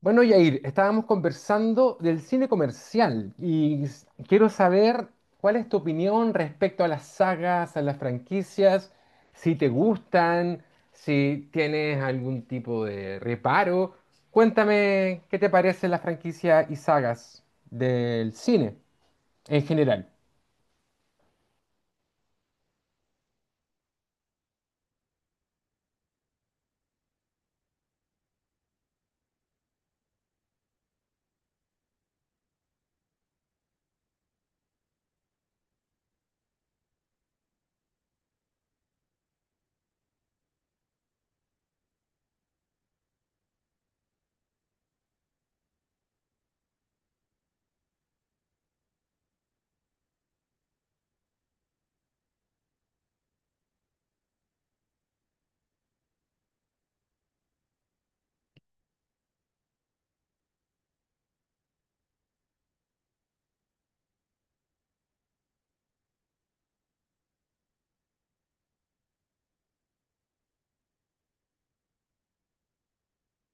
Bueno, Yair, estábamos conversando del cine comercial y quiero saber cuál es tu opinión respecto a las sagas, a las franquicias, si te gustan, si tienes algún tipo de reparo. Cuéntame qué te parecen las franquicias y sagas del cine en general.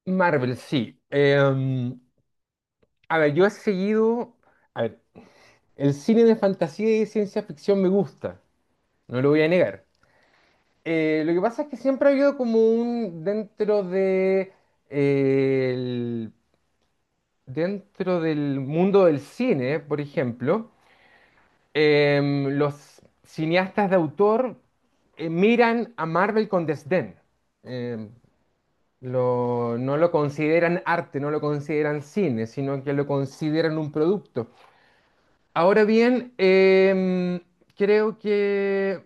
Marvel, sí. A ver, yo he seguido... A ver, el cine de fantasía y de ciencia ficción me gusta, no lo voy a negar. Lo que pasa es que siempre ha habido como un dentro de eh, el- dentro del mundo del cine, por ejemplo, los cineastas de autor miran a Marvel con desdén. Em, no lo consideran arte, no lo consideran cine, sino que lo consideran un producto. Ahora bien, creo que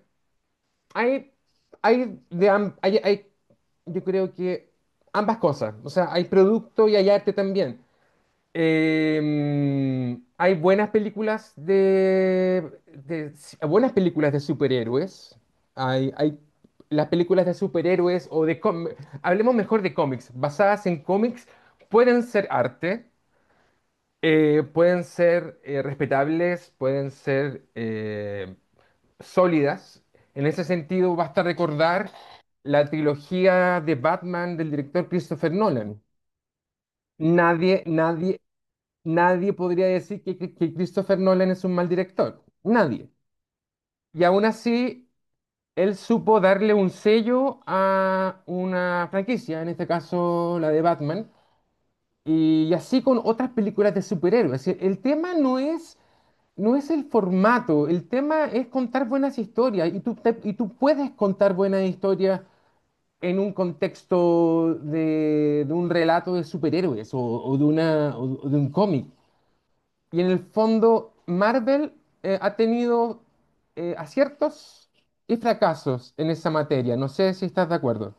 Hay, hay, de, am- hay- yo creo que ambas cosas. O sea, hay producto y hay arte también. Hay buenas películas si, buenas películas de superhéroes. Hay las películas de superhéroes o de hablemos mejor de cómics, basadas en cómics, pueden ser arte, pueden ser respetables, pueden ser sólidas. En ese sentido, basta recordar la trilogía de Batman del director Christopher Nolan. Nadie, nadie, nadie podría decir que, que Christopher Nolan es un mal director. Nadie. Y aún así, él supo darle un sello a una franquicia, en este caso la de Batman, y así con otras películas de superhéroes. Es decir, el tema no es, no es el formato, el tema es contar buenas historias, y tú, y tú puedes contar buenas historias en un contexto de un relato de superhéroes o de una, o de un cómic. Y en el fondo, Marvel ha tenido aciertos y fracasos en esa materia. No sé si estás de acuerdo.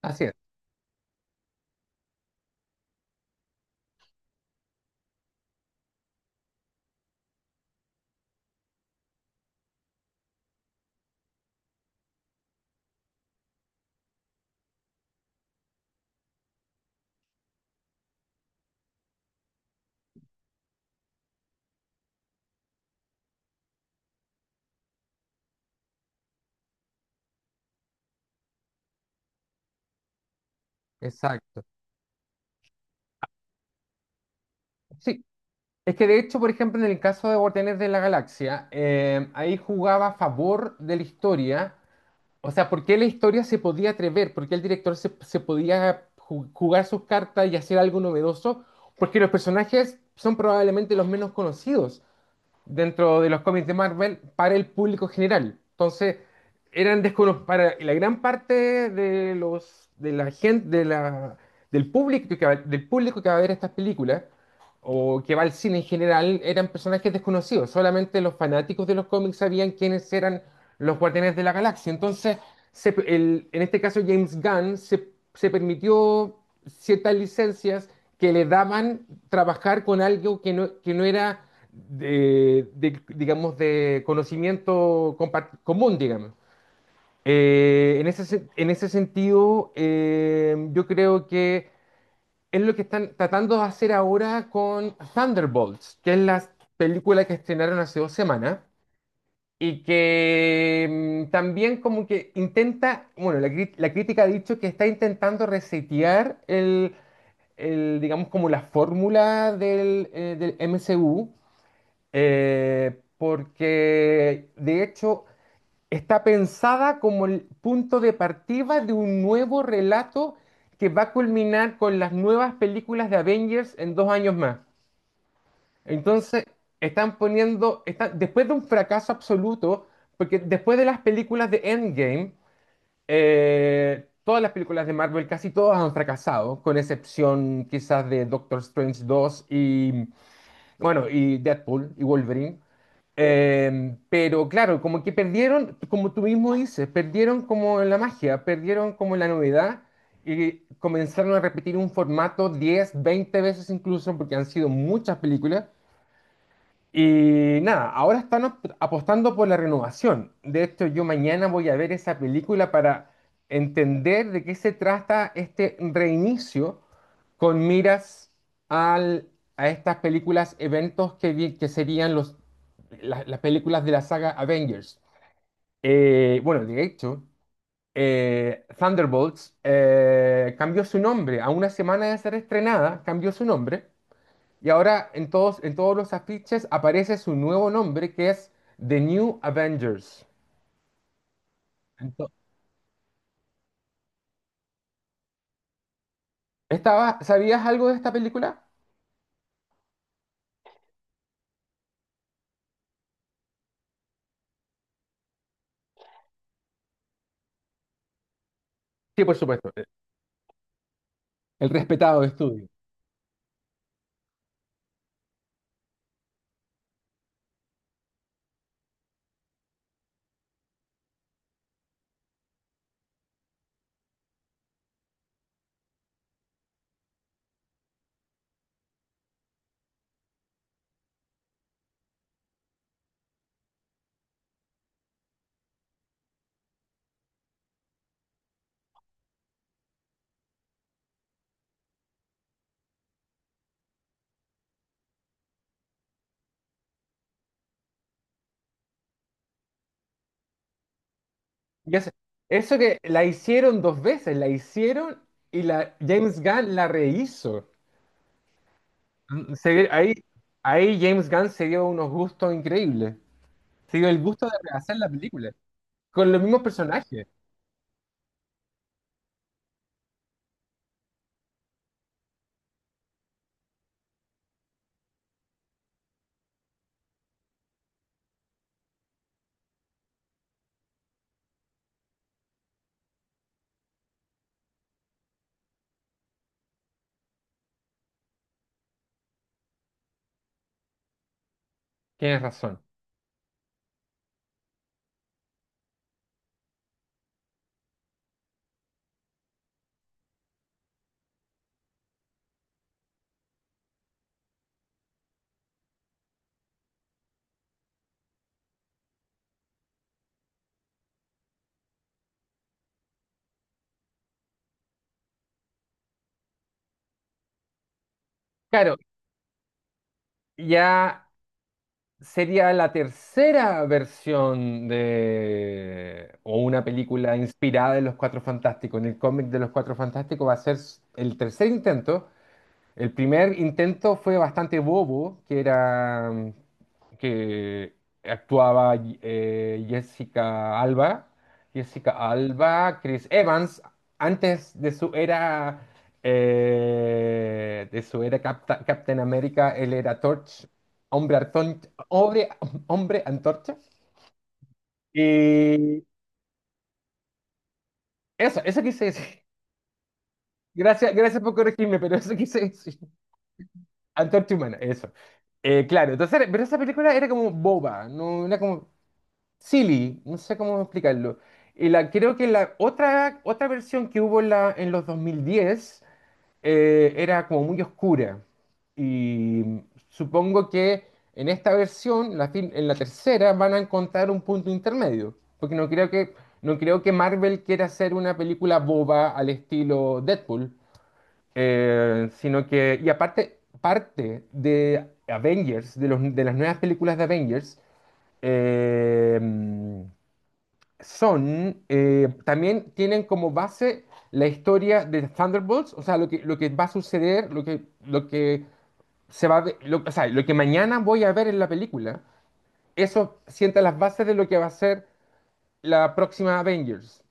Así es, exacto. Sí, es que de hecho, por ejemplo, en el caso de Guardianes de la Galaxia, ahí jugaba a favor de la historia. O sea, ¿por qué la historia se podía atrever? ¿Por qué el director se, se podía jugar sus cartas y hacer algo novedoso? Porque los personajes son probablemente los menos conocidos dentro de los cómics de Marvel para el público general. Entonces, eran desconocidos para la gran parte de los de la gente de la, del público que va, del público que va a ver estas películas o que va al cine en general, eran personajes desconocidos. Solamente los fanáticos de los cómics sabían quiénes eran los Guardianes de la Galaxia. Entonces, en este caso James Gunn se, se permitió ciertas licencias que le daban trabajar con algo que no era de, digamos, de conocimiento común, digamos. En ese sentido, yo creo que es lo que están tratando de hacer ahora con Thunderbolts, que es la película que estrenaron hace dos semanas y que también como que intenta, bueno, la crítica ha dicho que está intentando resetear digamos, como la fórmula del, del MCU, porque de hecho está pensada como el punto de partida de un nuevo relato que va a culminar con las nuevas películas de Avengers en dos años más. Entonces, están poniendo, después de un fracaso absoluto, porque después de las películas de Endgame, todas las películas de Marvel, casi todas han fracasado, con excepción quizás de Doctor Strange dos y bueno, y Deadpool y Wolverine. Pero claro, como que perdieron, como tú mismo dices, perdieron como la magia, perdieron como la novedad, y comenzaron a repetir un formato 10 20 veces incluso, porque han sido muchas películas. Y nada, ahora están apostando por la renovación. De hecho, yo mañana voy a ver esa película para entender de qué se trata este reinicio con miras al, a estas películas, eventos que, que serían los, las películas de la saga Avengers. Bueno, de hecho, Thunderbolts cambió su nombre. A una semana de ser estrenada, cambió su nombre y ahora en todos los afiches aparece su nuevo nombre, que es The New Avengers. Ento- ¿Estaba, ¿sabías algo de esta película? Sí, por supuesto. El respetado estudio. Y es- Eso que la hicieron dos veces, la hicieron y la, James Gunn la rehizo. Mm, se- ve- ahí, Ahí James Gunn se dio unos gustos increíbles. Se dio el gusto de rehacer la película con los mismos personajes. Tienes razón. Claro, ya sería la tercera versión de, o una película inspirada en Los Cuatro Fantásticos, en el cómic de Los Cuatro Fantásticos, va a ser el tercer intento. El primer intento fue bastante bobo, que era que actuaba Jessica Alba, Jessica Alba, Chris Evans, antes de su era Captain America, él era Torch, hombre, hombre, hombre antorcha. Y eso quise decir. Gracias, gracias por corregirme, pero eso quise decir. Antorcha Humana, eso. Claro, entonces, pero esa película era como boba, no era como silly, no sé cómo explicarlo. Y la, creo que la otra, otra versión que hubo en, la, en los 2010 era como muy oscura. Y supongo que en esta versión, en la tercera, van a encontrar un punto intermedio. Porque no creo que, no creo que Marvel quiera hacer una película boba al estilo Deadpool, sino que, y aparte, parte de Avengers, de, de las nuevas películas de Avengers, eh, son, también tienen como base la historia de Thunderbolts, o sea, lo que va a suceder, lo que se va a ver- lo, o sea, lo que mañana voy a ver en la película, eso sienta las bases de lo que va a ser la próxima Avengers.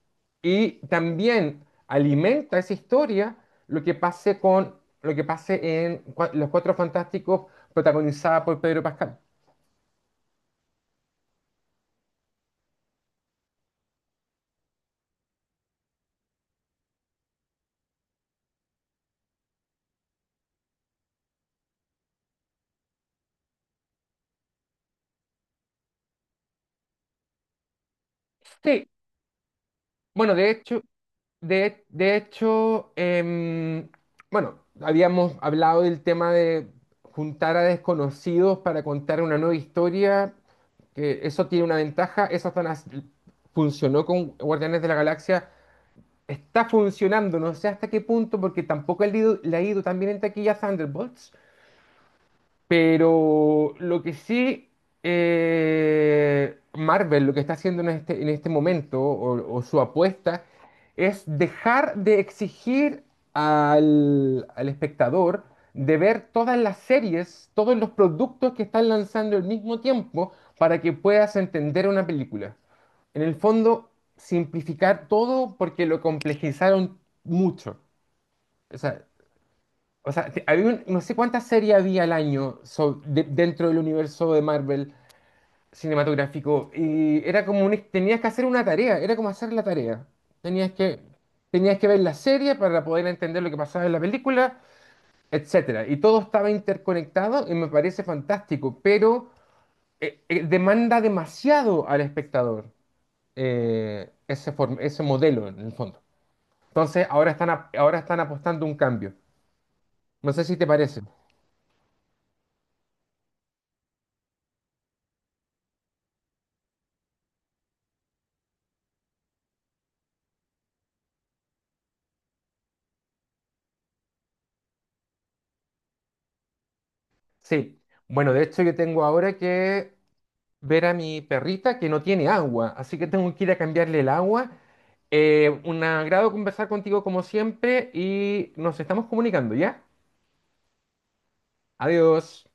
Y también alimenta esa historia lo que pase con lo que pase en Los Cuatro Fantásticos, protagonizada por Pedro Pascal. Sí, bueno, de hecho, bueno, habíamos hablado del tema de juntar a desconocidos para contar una nueva historia, que eso tiene una ventaja, funcionó con Guardianes de la Galaxia. Está funcionando, no sé hasta qué punto, porque tampoco le ha ido, le ha ido tan bien en taquilla a Thunderbolts. Pero lo que sí, Marvel, lo que está haciendo en este momento, o su apuesta, es dejar de exigir al, al espectador de ver todas las series, todos los productos que están lanzando al mismo tiempo para que puedas entender una película. En el fondo, simplificar todo porque lo complejizaron mucho. O sea, o sea, había no sé cuántas series había al año dentro del universo de Marvel cinematográfico, y era como un, tenías que hacer una tarea, era como hacer la tarea. Tenías que, tenías que ver la serie para poder entender lo que pasaba en la película, etcétera. Y todo estaba interconectado y me parece fantástico, pero demanda demasiado al espectador ese modelo en el fondo. Entonces ahora están, ahora están apostando un cambio. No sé si te parece. Sí, bueno, de hecho yo tengo ahora que ver a mi perrita que no tiene agua, así que tengo que ir a cambiarle el agua. Un agrado conversar contigo como siempre y nos estamos comunicando, ¿ya? Adiós.